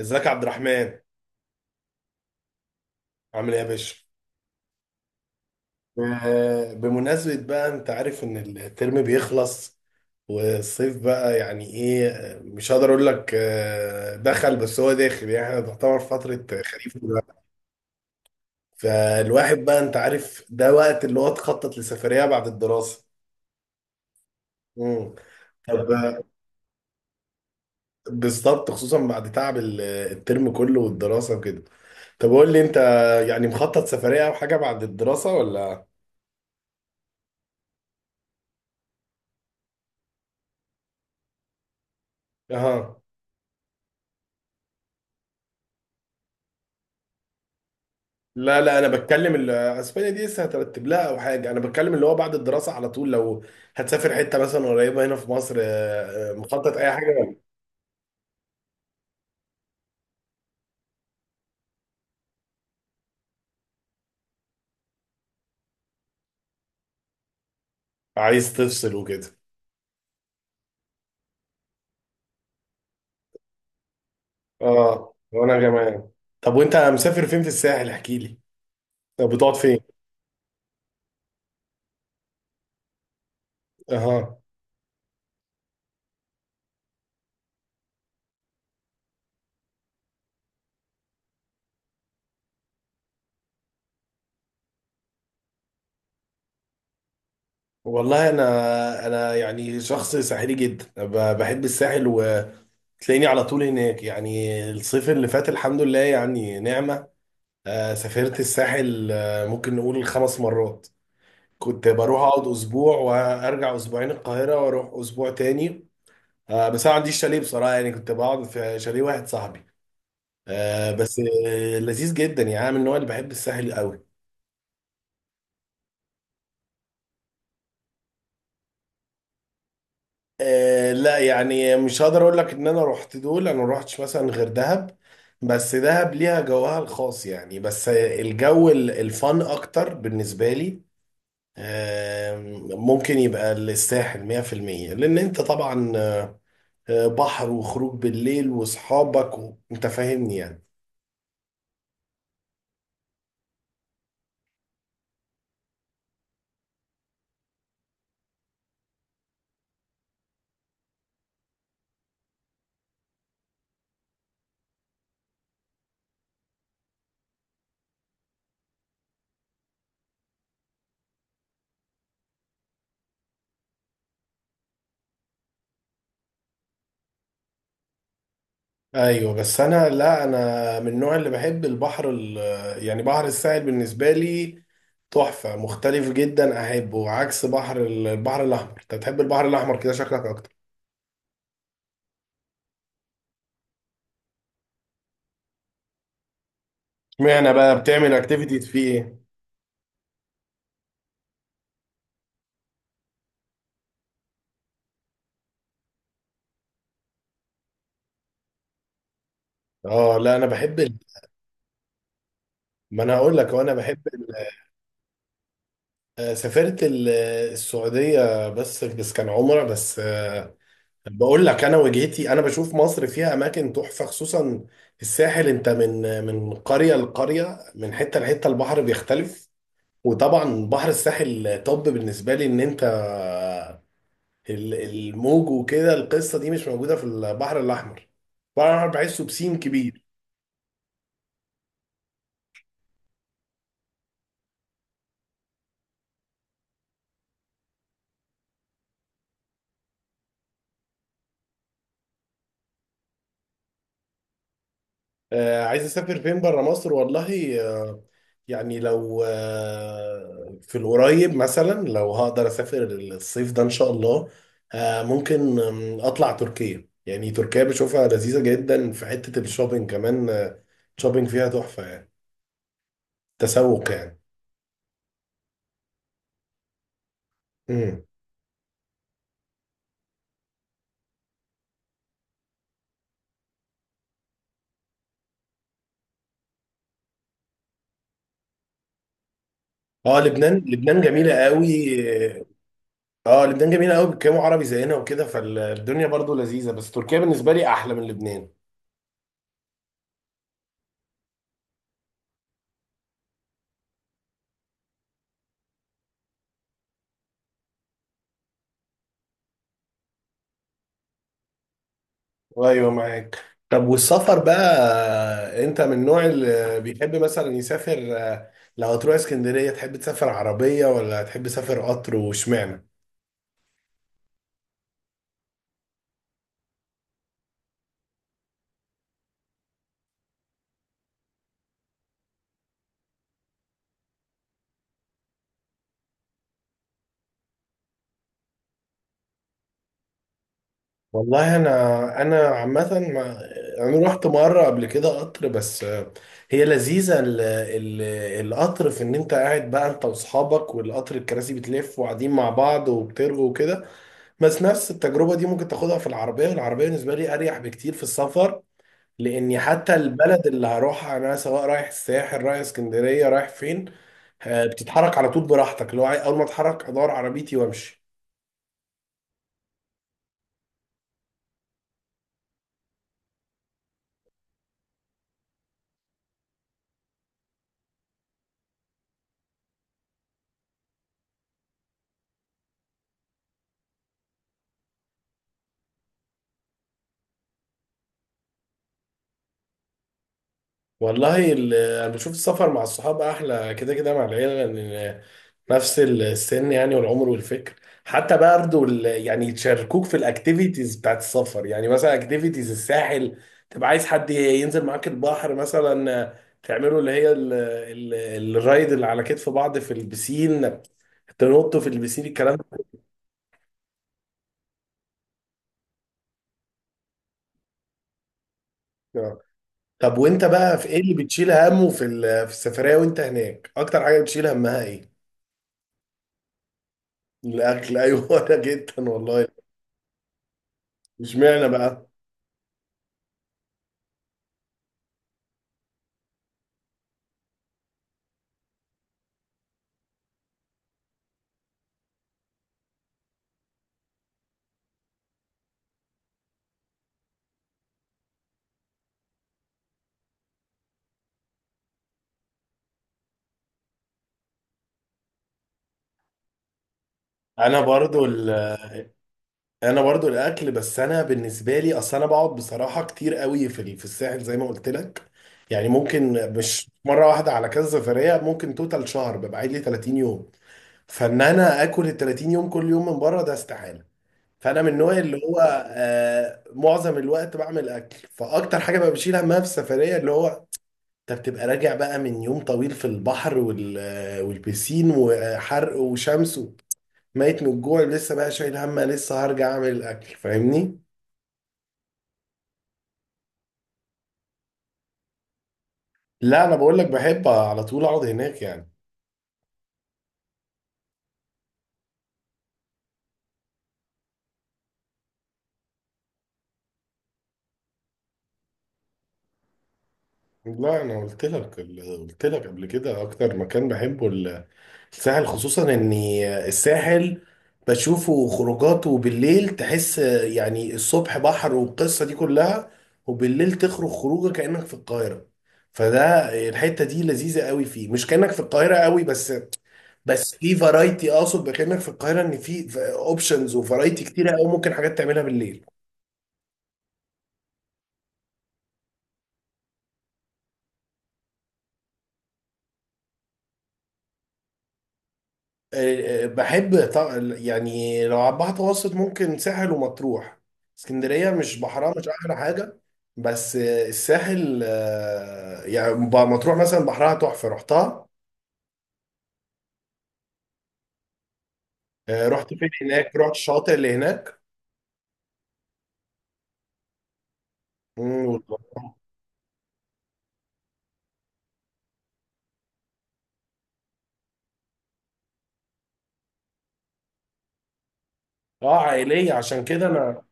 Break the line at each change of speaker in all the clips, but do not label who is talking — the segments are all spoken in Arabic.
ازيك يا عبد الرحمن. عامل ايه يا باشا؟ بمناسبة بقى، انت عارف ان الترم بيخلص والصيف بقى يعني ايه. مش هقدر اقول لك دخل، بس هو داخل يعني، احنا تعتبر فترة خريف دلوقتي. فالواحد بقى انت عارف ده وقت اللي هو تخطط لسفرية بعد الدراسة. مم. طب بالظبط، خصوصا بعد تعب الترم كله والدراسة وكده. طب قول لي انت، يعني مخطط سفرية او حاجة بعد الدراسة ولا؟ اها. لا انا بتكلم اسبانيا دي لسه هترتب لها او حاجه، انا بتكلم اللي هو بعد الدراسه على طول، لو هتسافر حته مثلا قريبه هنا في مصر، مخطط اي حاجه ولا؟ عايز تفصل وكده. اه وانا كمان. طب وانت مسافر فين في الساحل، احكي لي. طب بتقعد فين؟ اها. والله انا يعني شخص ساحلي جدا، بحب الساحل وتلاقيني على طول هناك. يعني الصيف اللي فات الحمد لله يعني نعمه. سافرت الساحل ممكن نقول خمس مرات، كنت بروح اقعد اسبوع وارجع اسبوعين القاهره واروح اسبوع تاني. بس انا ما عنديش شاليه بصراحه، يعني كنت بقعد في شاليه واحد صاحبي. آه، بس آه، لذيذ جدا، يعني انا من النوع اللي بحب الساحل قوي. لا يعني مش هقدر اقول لك ان انا رحت دول، انا ما رحتش مثلا غير دهب، بس دهب ليها جوها الخاص يعني. بس الجو الفن اكتر بالنسبه لي. آه، ممكن يبقى الساحل 100%، لان انت طبعا بحر وخروج بالليل واصحابك و... انت فاهمني يعني. ايوه بس انا، لا انا من النوع اللي بحب البحر يعني بحر الساحل بالنسبه لي تحفه، مختلف جدا احبه عكس بحر البحر الاحمر. انت بتحب البحر الاحمر كده شكلك اكتر. اشمعنى بقى؟ بتعمل اكتيفيتي فيه ايه؟ اه لا انا بحب ما انا هقول لك، هو انا بحب ال... آه، سافرت السعوديه بس، بس كان عمره، بس بقول لك انا وجهتي، انا بشوف مصر فيها اماكن تحفه، خصوصا الساحل. انت من قريه لقريه، من حته لحته، البحر بيختلف. وطبعا بحر الساحل، طب بالنسبه لي ان انت الموج وكده، القصه دي مش موجوده في البحر الاحمر، البحر الاحمر بحسه بسين كبير. عايز اسافر فين بره مصر؟ والله يعني لو في القريب، مثلا لو هقدر اسافر الصيف ده ان شاء الله، ممكن اطلع تركيا. يعني تركيا بشوفها لذيذة جدا في حتة الشوبينج كمان. شوبينج فيها تحفة يعني، تسوق يعني. مم. اه لبنان، لبنان جميلة قوي. اه لبنان جميلة قوي، بيتكلموا عربي زينا وكده، فالدنيا برضو لذيذة، بس تركيا بالنسبة لي احلى من لبنان. ايوه معاك. طب والسفر بقى، انت من النوع اللي بيحب مثلا يسافر، لو هتروح اسكندريه تحب تسافر عربيه ولا تحب تسافر قطر؟ واشمعنى؟ والله انا عامه انا رحت مره قبل كده قطر بس، هي لذيذه القطر في ان انت قاعد بقى انت واصحابك، والقطر الكراسي بتلف وقاعدين مع بعض وبترغوا وكده. بس نفس التجربه دي ممكن تاخدها في العربيه، والعربيه بالنسبه لي اريح بكتير في السفر، لاني حتى البلد اللي هروحها انا، سواء رايح الساحل، رايح اسكندريه، رايح فين، بتتحرك على طول براحتك. لو اول ما اتحرك ادور عربيتي وامشي. والله انا بشوف السفر مع الصحاب احلى كده كده مع العيله، لان نفس السن يعني، والعمر والفكر. حتى برضه يعني يشاركوك في الاكتيفيتيز بتاعت السفر. يعني مثلا اكتيفيتيز الساحل، تبقى عايز حد ينزل معاك البحر مثلا، تعملوا اللي هي الرايد اللي على كتف بعض في البسين، تنطوا في البسين، الكلام ده. آه. طب وانت بقى، في ايه اللي بتشيل همه في في السفرية وانت هناك؟ اكتر حاجة بتشيل همها ايه؟ الاكل؟ ايوه انا جدا والله. مش معنى بقى. انا برضو، انا برضو الاكل. بس انا بالنسبه لي اصل انا بقعد بصراحه كتير قوي في في الساحل زي ما قلت لك. يعني ممكن مش مره واحده، على كذا سفريه ممكن توتال شهر، ببقى قاعد لي 30 يوم. فان انا اكل ال 30 يوم كل يوم من بره، ده استحاله. فانا من النوع اللي هو معظم الوقت بعمل اكل. فاكتر حاجه بقى بشيل همها في السفريه اللي هو، انت بتبقى راجع بقى من يوم طويل في البحر والبسين وحرق وشمس، ميت من الجوع، لسه بقى شايل هم لسه هرجع اعمل الاكل، فاهمني؟ لا انا بقول لك بحب على طول اقعد هناك يعني. لا انا قلت لك قبل كده اكتر مكان بحبه الساحل، خصوصا ان الساحل بشوفه، خروجاته بالليل تحس يعني، الصبح بحر والقصة دي كلها، وبالليل تخرج خروجه كأنك في القاهرة. فده الحتة دي لذيذة قوي فيه، مش كأنك في القاهرة قوي بس، بس في فرايتي، اقصد كأنك في القاهرة ان في اوبشنز وفرايتي كتيرة قوي، ممكن حاجات تعملها بالليل. بحب طبعا، يعني لو على البحر المتوسط ممكن ساحل ومطروح. اسكندرية مش بحرها مش أحلى حاجة. بس الساحل يعني مطروح مثلا بحرها تحفة، رحتها. رحت فين هناك، رحت الشاطئ اللي هناك. مم، والله. اه عائلية عشان كده أنا.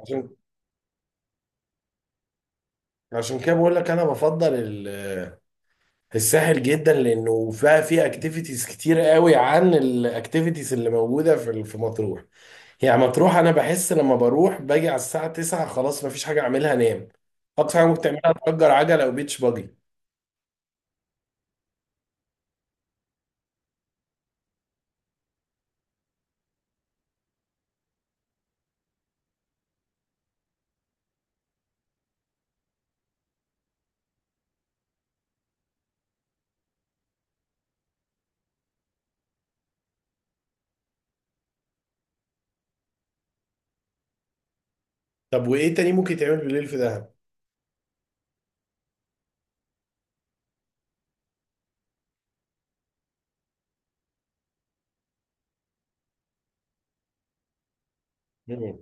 عشان عشان كده بقول لك، أنا بفضل الساحل جدا، لأنه فيها فيه أكتيفيتيز كتير قوي عن الأكتيفيتيز اللي موجودة في في مطروح. هي مطروح انا بحس لما بروح باجي على الساعه 9 خلاص مفيش حاجه اعملها، انام. اقصى حاجه ممكن تعملها تأجر عجله او بيتش باجي. طب وايه تاني ممكن يتعمل بالليل في دهب؟ مم.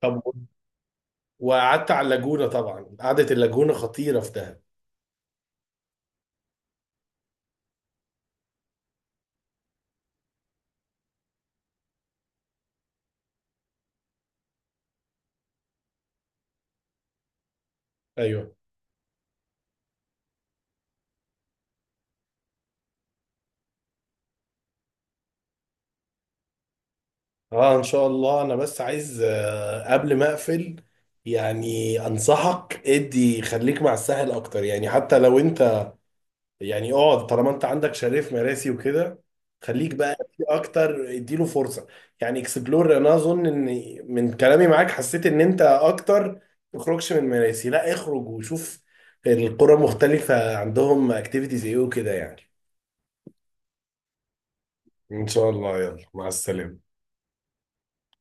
طب و... وقعدت على اللاجونه طبعا، قعده اللاجونه خطيره في دهب. ايوه. اه ان شاء الله، انا بس عايز قبل ما اقفل يعني انصحك، ادي خليك مع الساحل اكتر، يعني حتى لو انت يعني اقعد، طالما انت عندك شريف مراسي وكده، خليك بقى في اكتر، اديله فرصه، يعني اكسبلور. انا اظن ان من كلامي معاك حسيت ان انت اكتر تخرجش من مراسي، لا اخرج وشوف القرى، مختلفه عندهم اكتيفيتيز ايه وكده يعني. ان شاء الله، يلا مع السلامه.